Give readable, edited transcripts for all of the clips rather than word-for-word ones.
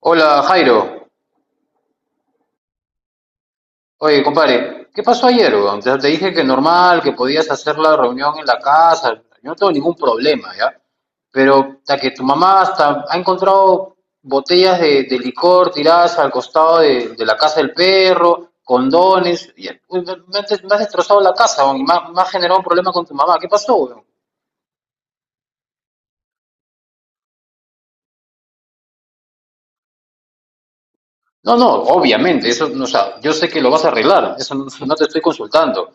Hola Jairo, oye compadre, ¿qué pasó ayer? Weón? Ya te dije que normal, que podías hacer la reunión en la casa, yo no tengo ningún problema, ¿ya? Pero hasta que tu mamá hasta ha encontrado botellas de, licor tiradas al costado de la casa del perro, condones, y, uy, me has destrozado la casa, weón, y me ha generado un problema con tu mamá, ¿qué pasó? Weón? No, no, obviamente, eso, no, o sea, yo sé que lo vas a arreglar, eso no no te estoy consultando.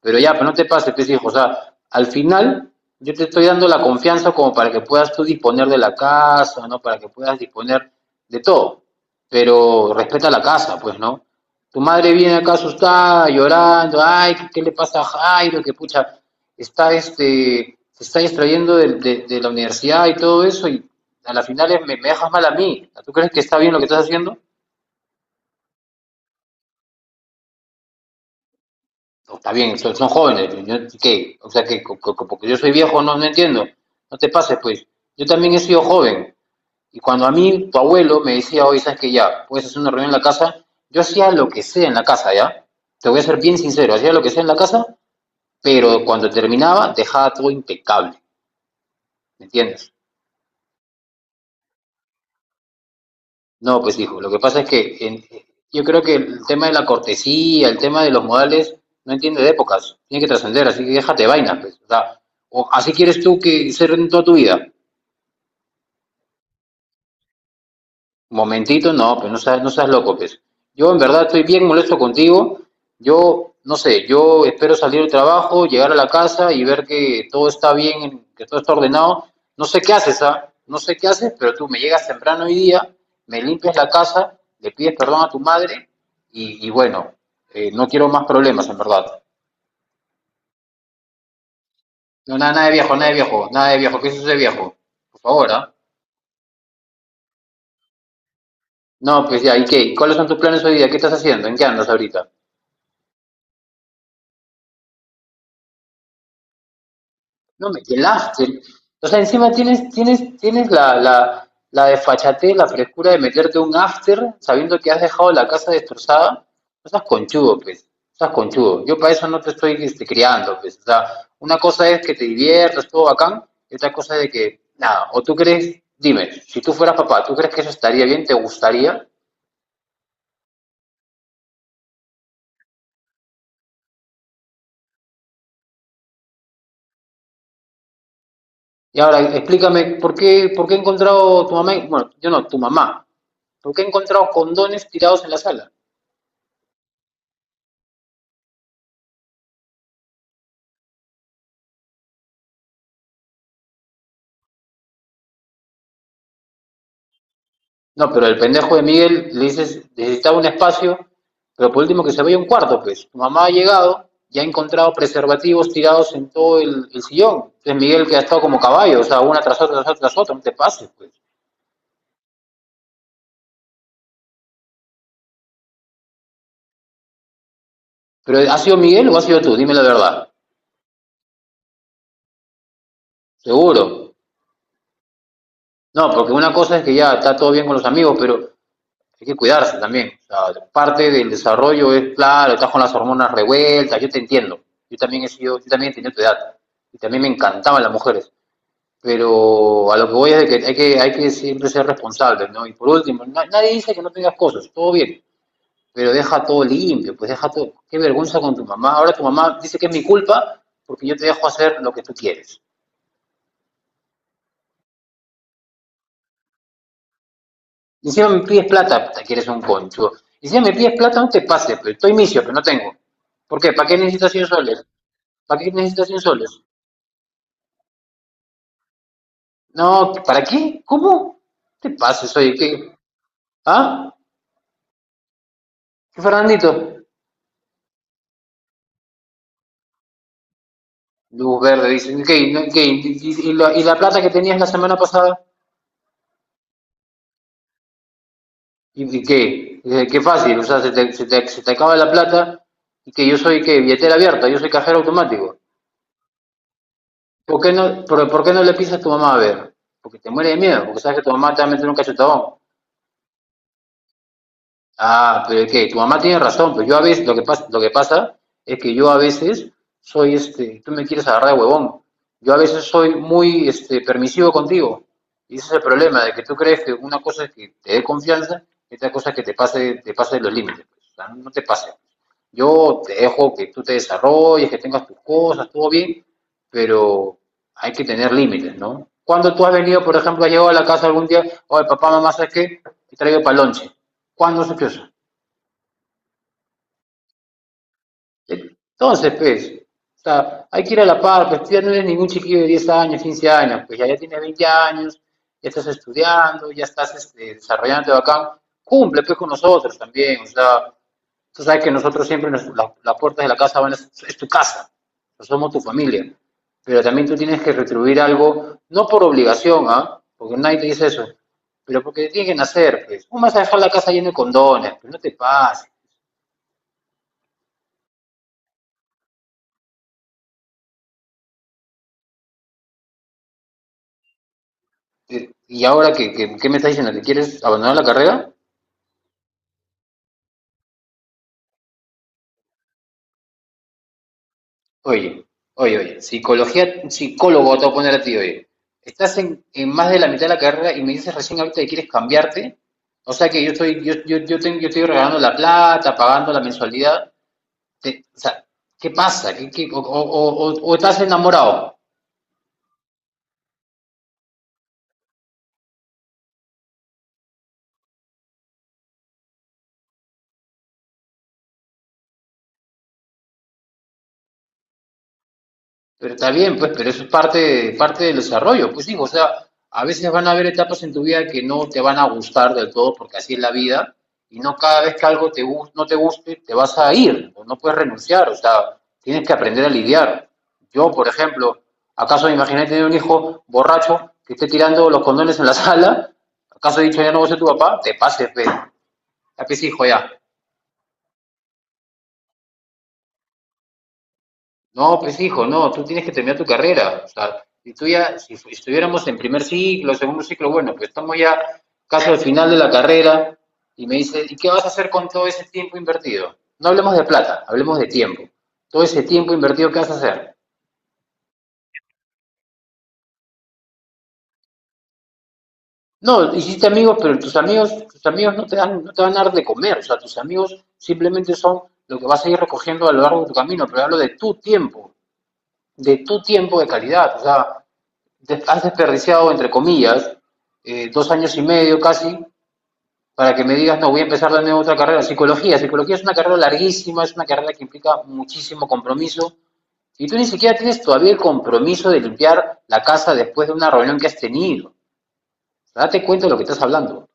Pero ya, pero no te pases, pues hijo, o sea, al final yo te estoy dando la confianza como para que puedas tú disponer de la casa, ¿no? Para que puedas disponer de todo. Pero respeta la casa, pues, ¿no? Tu madre viene acá asustada, llorando, ay, ¿qué le pasa a Jairo? Que pucha, está se está distrayendo de, de la universidad y todo eso, y a la final me dejas mal a mí. ¿Tú crees que está bien lo que estás haciendo? No, está bien, son jóvenes. Yo, ¿qué? O sea, que porque yo soy viejo no entiendo. No te pases, pues. Yo también he sido joven. Y cuando a mí tu abuelo me decía, oye, sabes que ya, puedes hacer una reunión en la casa, yo hacía lo que sea en la casa, ¿ya? Te voy a ser bien sincero, hacía lo que sea en la casa, pero cuando terminaba dejaba todo impecable, ¿me entiendes? No, pues hijo, lo que pasa es que yo creo que el tema de la cortesía, el tema de los modales, no entiende de épocas, tiene que trascender, así que déjate de vainas, pues. O sea, o así quieres tú que ser en toda tu vida. Momentito, no, pues no seas, no seas loco, pues. Yo en verdad estoy bien molesto contigo. Yo, no sé, yo espero salir del trabajo, llegar a la casa y ver que todo está bien, que todo está ordenado. No sé qué haces, ¿ah? No sé qué haces, pero tú me llegas temprano hoy día, me limpias la casa, le pides perdón a tu madre y bueno, no quiero más problemas, en verdad. No, nada, nada de viejo, nada de viejo, nada de viejo, ¿qué es eso de viejo? Por favor, ¿ah? No, pues ya, ¿y qué? ¿Cuáles son tus planes hoy día? ¿Qué estás haciendo? ¿En qué andas ahorita? No me hielaste. O sea, encima tienes la desfachatez, la frescura de meterte un after sabiendo que has dejado la casa destrozada. No seas conchudo, pues. No seas conchudo. Yo para eso no te estoy criando, pues. O sea, una cosa es que te diviertas, todo bacán, y otra cosa es de que, nada, o tú crees, dime, si tú fueras papá, ¿tú crees que eso estaría bien? ¿Te gustaría? Y ahora explícame, ¿por qué he encontrado tu mamá, bueno, yo no, tu mamá, ¿por qué he encontrado condones tirados en la sala? No, pero el pendejo de Miguel le dices, necesitaba un espacio, pero por último que se vaya un cuarto, pues. Tu mamá ha llegado y ha encontrado preservativos tirados en todo el sillón. Entonces Miguel que ha estado como caballo, o sea, una tras otra, tras otra, tras otra, no te pases, pues. Pero ¿ha sido Miguel o ha sido tú? Dime la verdad. Seguro. No, porque una cosa es que ya está todo bien con los amigos, pero hay que cuidarse también. O sea, parte del desarrollo es, claro, estás con las hormonas revueltas, yo te entiendo. Yo también he tenido tu edad. Y también me encantaban las mujeres. Pero a lo que voy es de que hay que siempre ser responsables, ¿no? Y por último, nadie dice que no tengas cosas, todo bien, pero deja todo limpio, pues deja todo. Qué vergüenza con tu mamá. Ahora tu mamá dice que es mi culpa porque yo te dejo hacer lo que tú quieres. Y encima me pides plata, puta, que eres un concho. Y encima me pides plata, no te pases, pues estoy misio, pero no tengo. ¿Por qué? ¿Para qué necesitas 100 soles? ¿Para qué necesitas 100 soles? No, ¿para qué? ¿Cómo? Te pases, oye, ¿qué? ¿Ah? ¿Qué, Fernandito? Luz verde, dice ¿qué? ¿Y qué? ¿Y la plata que tenías la semana pasada? ¿Y qué? Qué fácil, o sea, se te acaba la plata y que yo soy, ¿qué? Billetera abierta, yo soy cajero automático. ¿Por qué no le pisas a tu mamá a ver? Porque te muere de miedo, porque sabes que tu mamá te va a meter un cachetadón. Ah, pero es que tu mamá tiene razón, pero yo a veces, lo que pasa es que yo a veces soy tú me quieres agarrar de huevón. Yo a veces soy muy permisivo contigo. Y ese es el problema, de que tú crees que una cosa es que te dé confianza y otra cosa es que te pase los límites, pues. O sea, no te pase. Yo te dejo que tú te desarrolles, que tengas tus cosas, todo bien, pero hay que tener límites, ¿no? Cuando tú has venido, por ejemplo, has llegado a la casa algún día, oye, papá, mamá, ¿sabes qué? Te traigo palonche cuando se cruza. Entonces, pues, o sea, hay que ir a la par, pues tú ya no eres ningún chiquillo de 10 años, 15 años, pues ya, ya tienes 20 años, ya estás estudiando, ya estás desarrollándote bacán, cumple pues con nosotros también, o sea, tú sabes que nosotros siempre, las puertas de la casa van, es tu casa, nosotros somos tu familia, pero también tú tienes que retribuir algo, no por obligación, ¿ah? ¿Eh? Porque nadie te dice eso, pero porque tiene que nacer, pues, ¿cómo vas a dejar la casa llena de condones? Pues no te pases, y ahora ¿qué me estás diciendo? ¿Que quieres abandonar la carrera? Oye, oye, oye, psicología, psicólogo te voy a poner a ti, oye. Estás en más de la mitad de la carrera y me dices recién ahorita que quieres cambiarte. O sea que yo estoy, yo, tengo, yo estoy regalando la plata, pagando la mensualidad. O sea, ¿qué pasa? ¿Qué, qué- o estás enamorado? Pero está bien, pues, pero eso es parte del desarrollo, pues digo, o sea, a veces van a haber etapas en tu vida que no te van a gustar del todo, porque así es la vida, y no cada vez que algo te no te guste, te vas a ir, no puedes renunciar, o sea, tienes que aprender a lidiar. Yo, por ejemplo, ¿acaso me imaginé tener un hijo borracho que esté tirando los condones en la sala? ¿Acaso he dicho ya no voy a ser tu papá? Te pases, ve, ya que es hijo ya. No, pues hijo, no, tú tienes que terminar tu carrera. O sea, si estuviéramos en primer ciclo, segundo ciclo, bueno, pues estamos ya casi al final de la carrera y me dice, ¿y qué vas a hacer con todo ese tiempo invertido? No hablemos de plata, hablemos de tiempo. Todo ese tiempo invertido, ¿qué vas a hacer? No, hiciste amigos, pero tus amigos no te van a dar de comer, o sea, tus amigos simplemente son lo que vas a ir recogiendo a lo largo de tu camino, pero hablo de tu tiempo, de calidad, o sea, has desperdiciado, entre comillas, 2 años y medio casi, para que me digas, no, voy a empezar de nuevo otra carrera. Psicología, psicología es una carrera larguísima, es una carrera que implica muchísimo compromiso. Y tú ni siquiera tienes todavía el compromiso de limpiar la casa después de una reunión que has tenido. Date cuenta de lo que estás hablando.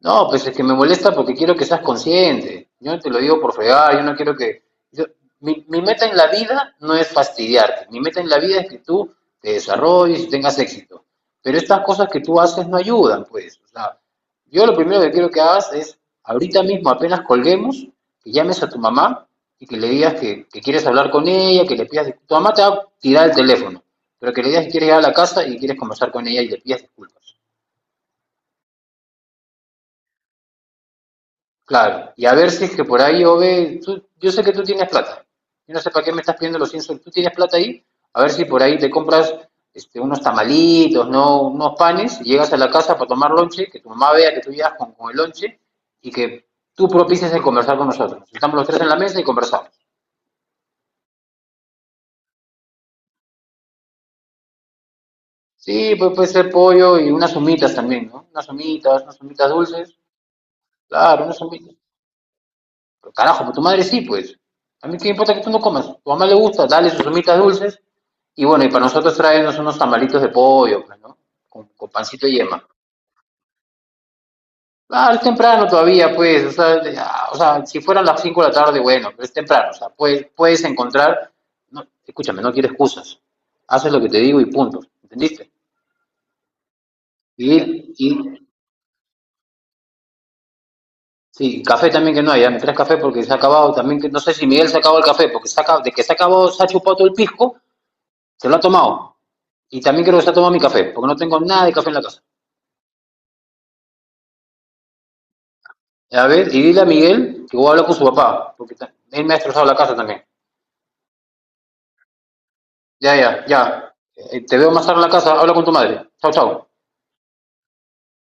No, pues es que me molesta porque quiero que seas consciente. Yo no te lo digo por fregar, yo no quiero yo- mi meta en la vida no es fastidiarte, mi meta en la vida es que tú te desarrolles y tengas éxito. Pero estas cosas que tú haces no ayudan, pues. O sea, yo lo primero que quiero que hagas es, ahorita mismo apenas colguemos, que llames a tu mamá y que le digas que quieres hablar con ella, que le pidas disculpas. Tu mamá te va a tirar el teléfono, pero que le digas que quieres ir a la casa y quieres conversar con ella y le pidas disculpas. Claro, y a ver si es que por ahí, Ove, yo sé que tú tienes plata. Yo no sé para qué me estás pidiendo los 100 soles. Tú tienes plata ahí, a ver si por ahí te compras unos tamalitos, no, unos panes, y llegas a la casa para tomar lonche, que tu mamá vea que tú llegas con el lonche y que tú propices el conversar con nosotros. Estamos los tres en la mesa y conversamos. Sí, pues puede ser pollo y unas humitas también, ¿no? Unas humitas dulces. Claro, unas humitas. Carajo, pues tu madre sí, pues. A mí qué importa que tú no comas. Tu mamá le gusta, dale sus humitas dulces. Y bueno, y para nosotros tráenos unos tamalitos de pollo, pues, ¿no? Con pancito y yema. Ah, es temprano todavía, pues. O sea, ya, o sea, si fueran las 5 de la tarde, bueno, pero es temprano. O sea, puedes encontrar. No, escúchame, no quiero excusas. Haces lo que te digo y punto. ¿Entendiste? Y sí, café también que no hay. Ya me traes café porque se ha acabado. También que no sé si Miguel se acabó el café, porque se ha de que se ha acabado, se ha chupado todo el pisco, se lo ha tomado. Y también quiero que tomando mi café, porque no tengo nada de café en la casa. A ver, y dile a Miguel que voy a hablar con su papá, porque él me ha destrozado la casa también. Ya, ya, ya. Te veo más tarde en la casa, habla con tu madre. Chao, chao.